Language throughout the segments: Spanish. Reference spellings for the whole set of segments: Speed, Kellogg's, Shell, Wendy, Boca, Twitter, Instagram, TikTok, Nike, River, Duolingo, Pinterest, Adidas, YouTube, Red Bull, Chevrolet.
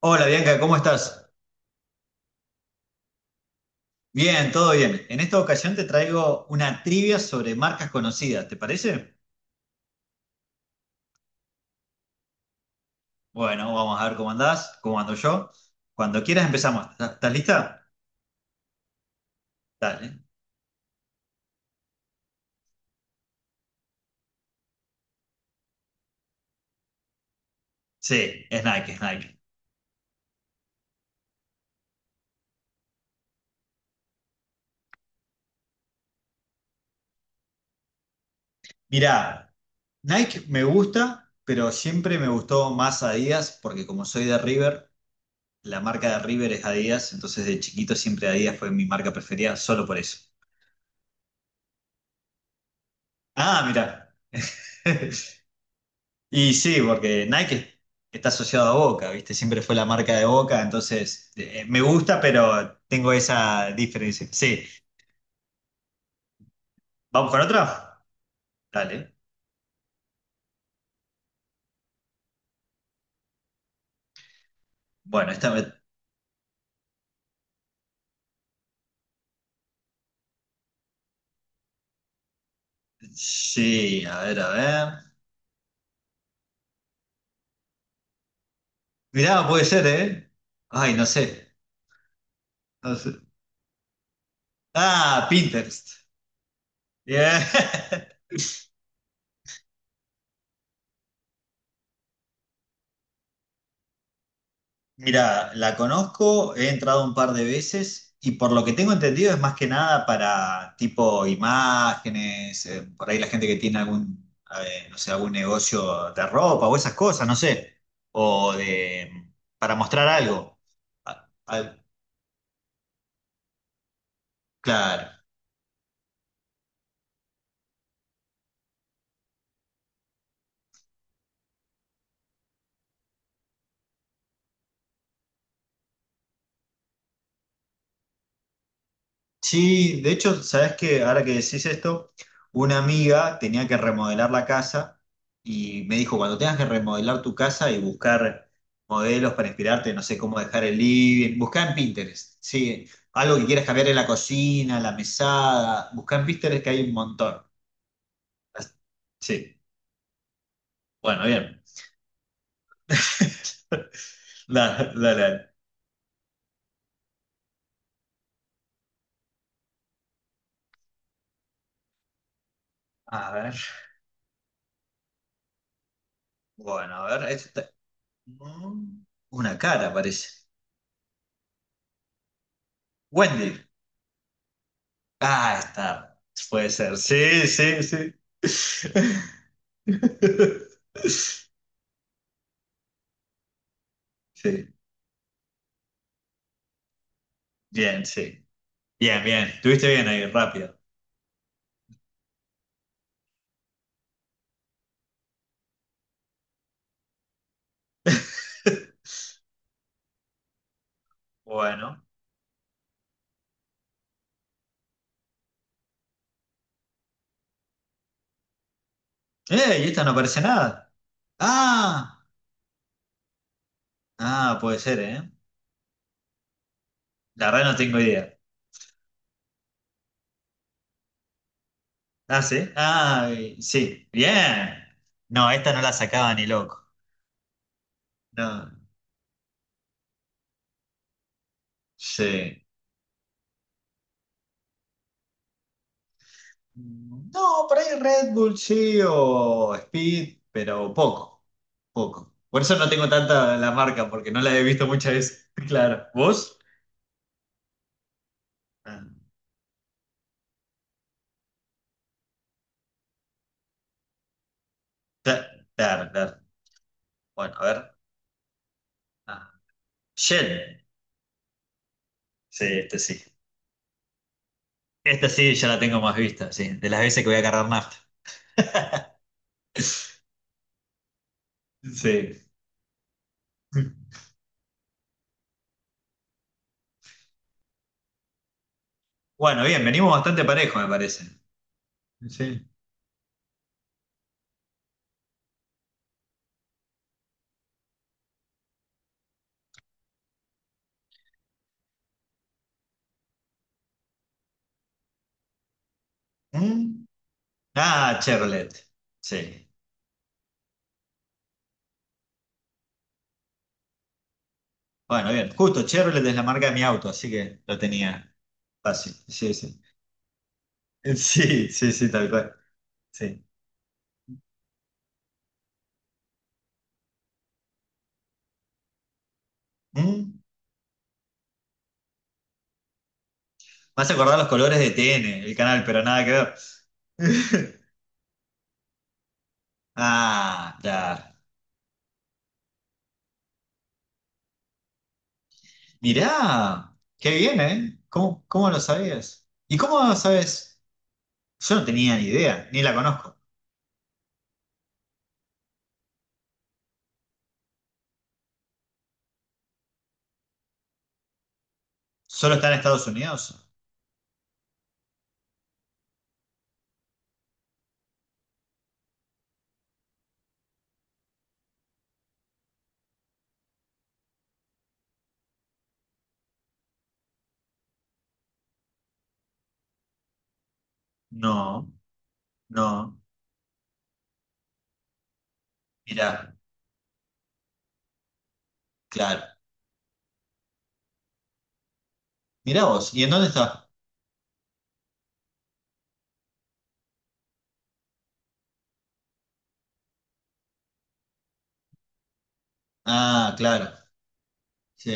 Hola Bianca, ¿cómo estás? Bien, todo bien. En esta ocasión te traigo una trivia sobre marcas conocidas, ¿te parece? Bueno, vamos a ver cómo andás, cómo ando yo. Cuando quieras empezamos. ¿Estás lista? Dale. Sí, es Nike, es Nike. Mirá, Nike me gusta, pero siempre me gustó más Adidas porque como soy de River, la marca de River es Adidas, entonces de chiquito siempre Adidas fue mi marca preferida, solo por eso. Ah, mirá. Y sí, porque Nike está asociado a Boca, ¿viste? Siempre fue la marca de Boca, entonces me gusta, pero tengo esa diferencia. Sí, ¿vamos con otra? Dale. Bueno, esta me... Sí, a ver, a ver. Mirá, puede ser, ¿eh? Ay, no sé. No sé. Ah, Pinterest. Bien. Mira, la conozco, he entrado un par de veces y por lo que tengo entendido es más que nada para tipo imágenes, por ahí la gente que tiene algún, no sé, algún negocio de ropa o esas cosas, no sé, o de para mostrar algo. A- a- claro. Sí, de hecho, sabes que ahora que decís esto, una amiga tenía que remodelar la casa y me dijo, cuando tengas que remodelar tu casa y buscar modelos para inspirarte, no sé cómo dejar el living, buscá en Pinterest, sí, algo que quieras cambiar en la cocina, la mesada, buscá en Pinterest que hay un montón. As- Sí, bueno, bien. Dale, dale, dale. A ver, bueno, a ver, mm, una cara parece. Wendy. Ah, está. Puede ser. Sí, sí, sí. Sí. Bien, sí. Bien, bien. Estuviste bien ahí, rápido. Bueno. ¡Eh! ¿Y esta no aparece nada? Ah, ah, puede ser, ¿eh? La verdad no tengo idea. Ah, sí. Ah, sí. Bien. No, esta no la sacaba ni loco. No, sí. No, por ahí Red Bull sí o Speed, pero poco. Poco. Por eso no tengo tanta la marca, porque no la he visto muchas veces. Claro. ¿Vos? Ah, claro, claro. Bueno, a ver. Ah, Shell. Sí, este sí. Esta sí ya la tengo más vista, sí. De las veces que voy a cargar nafta. Sí. Bueno, bien, venimos bastante parejo, me parece. Sí. ¿Mm? Ah, Chevrolet. Sí. Bueno, bien. Justo, Chevrolet es la marca de mi auto, así que lo tenía fácil. Sí, sí. Sí, sí, sí, tal cual. Sí. Mm. Me hace acordar los colores de TN el canal, pero nada que ver. Ah, ya. Mirá, qué bien, ¿eh? ¿Cómo, cómo lo sabías? ¿Y cómo lo sabes? Yo no tenía ni idea, ni la conozco. ¿Solo está en Estados Unidos? No, no. Mirá, claro. Mirá vos, ¿y en dónde está? Ah, claro. Sí,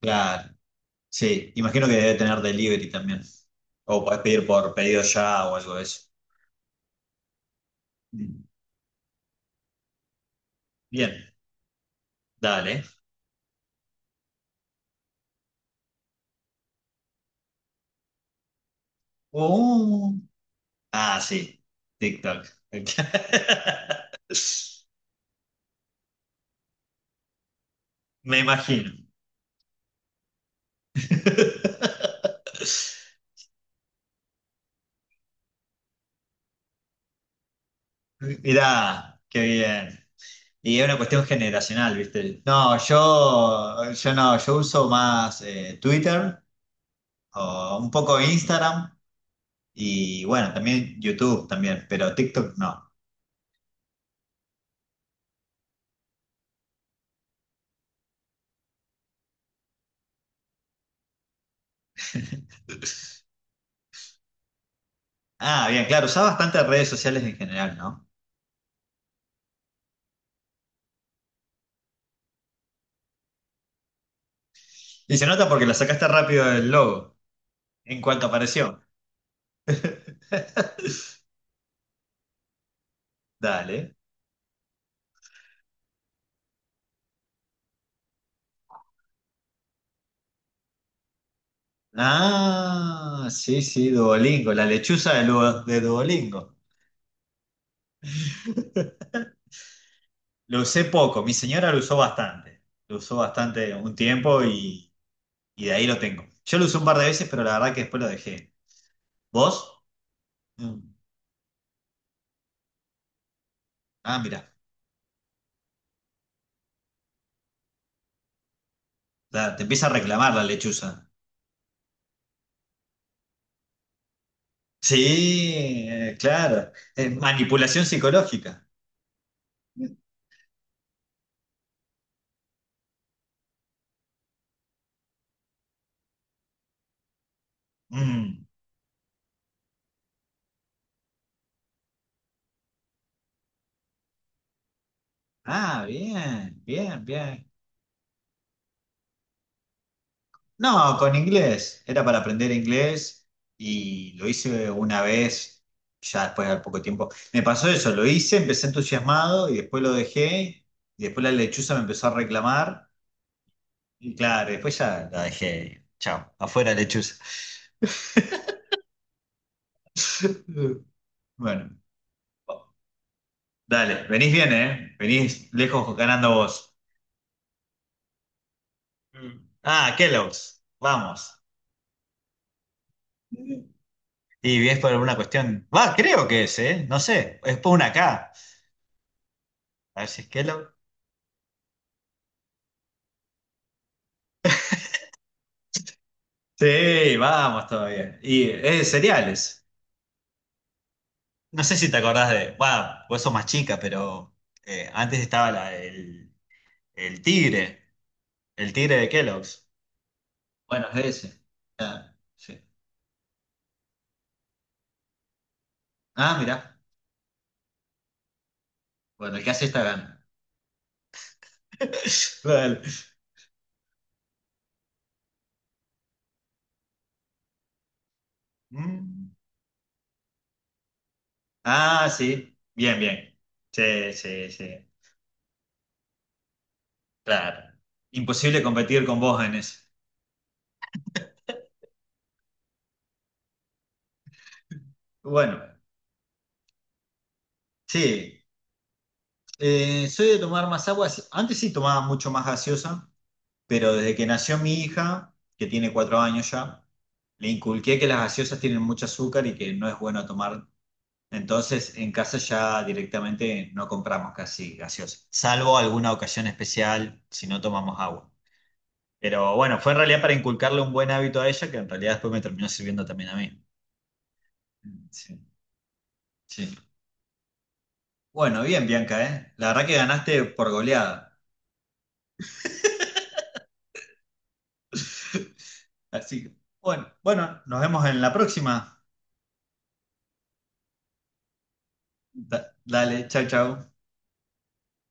claro. Sí, imagino que debe tener delivery también. O podés pedir por pedido ya o algo de eso. Mm, bien, dale. Oh, ah, sí, TikTok. Me imagino. Mirá, qué bien. Y es una cuestión generacional, ¿viste? No, yo uso más Twitter o un poco Instagram y bueno, también YouTube también, pero TikTok no. Ah, bien, claro, usás bastantes redes sociales en general, ¿no? Y se nota porque la sacaste rápido del logo, en cuanto apareció. Dale. Ah, sí, sí, Duolingo, la lechuza de, de Duolingo. Lo usé poco, mi señora lo usó bastante. Lo usó bastante un tiempo y de ahí lo tengo. Yo lo usé un par de veces, pero la verdad que después lo dejé. ¿Vos? Mm. Ah, mira, te empieza a reclamar la lechuza. Sí, claro. Es manipulación psicológica. Mm. Ah, bien, bien, bien. No, con inglés. Era para aprender inglés y lo hice una vez, ya después de poco tiempo. Me pasó eso, lo hice, empecé entusiasmado y después lo dejé. Y después la lechuza me empezó a reclamar. Y claro, después ya la dejé. Chao, afuera lechuza. Bueno, dale, venís bien, ¿eh? Venís lejos ganando vos. Mm. Ah, Kellogg's, vamos. Y es por alguna cuestión. Va, creo que es, ¿eh? No sé, es por una K. A ver si es Kellogg. Sí, vamos todavía. Y cereales. No sé si te acordás de. Va, vos sos más chica, pero antes estaba el tigre. El tigre de Kellogg's. Bueno, es ese. Ah, sí. Ah, mirá. Bueno, el que hace esta gana. Vale. Mm. Ah, sí. Bien, bien. Sí, sí, sí. Claro. Imposible competir con vos en eso. Bueno, sí. Soy de tomar más agua. Antes sí tomaba mucho más gaseosa, pero desde que nació mi hija, que tiene 4 años ya, le inculqué que las gaseosas tienen mucho azúcar y que no es bueno tomar. Entonces, en casa ya directamente no compramos casi gaseosas, salvo alguna ocasión especial si no tomamos agua. Pero bueno, fue en realidad para inculcarle un buen hábito a ella, que en realidad después me terminó sirviendo también a mí. Mm, sí, sí. Bueno, bien, Bianca, ¿eh? La verdad que ganaste por goleada. Así que, bueno, bueno, nos vemos en la próxima. Dale, chau, chau.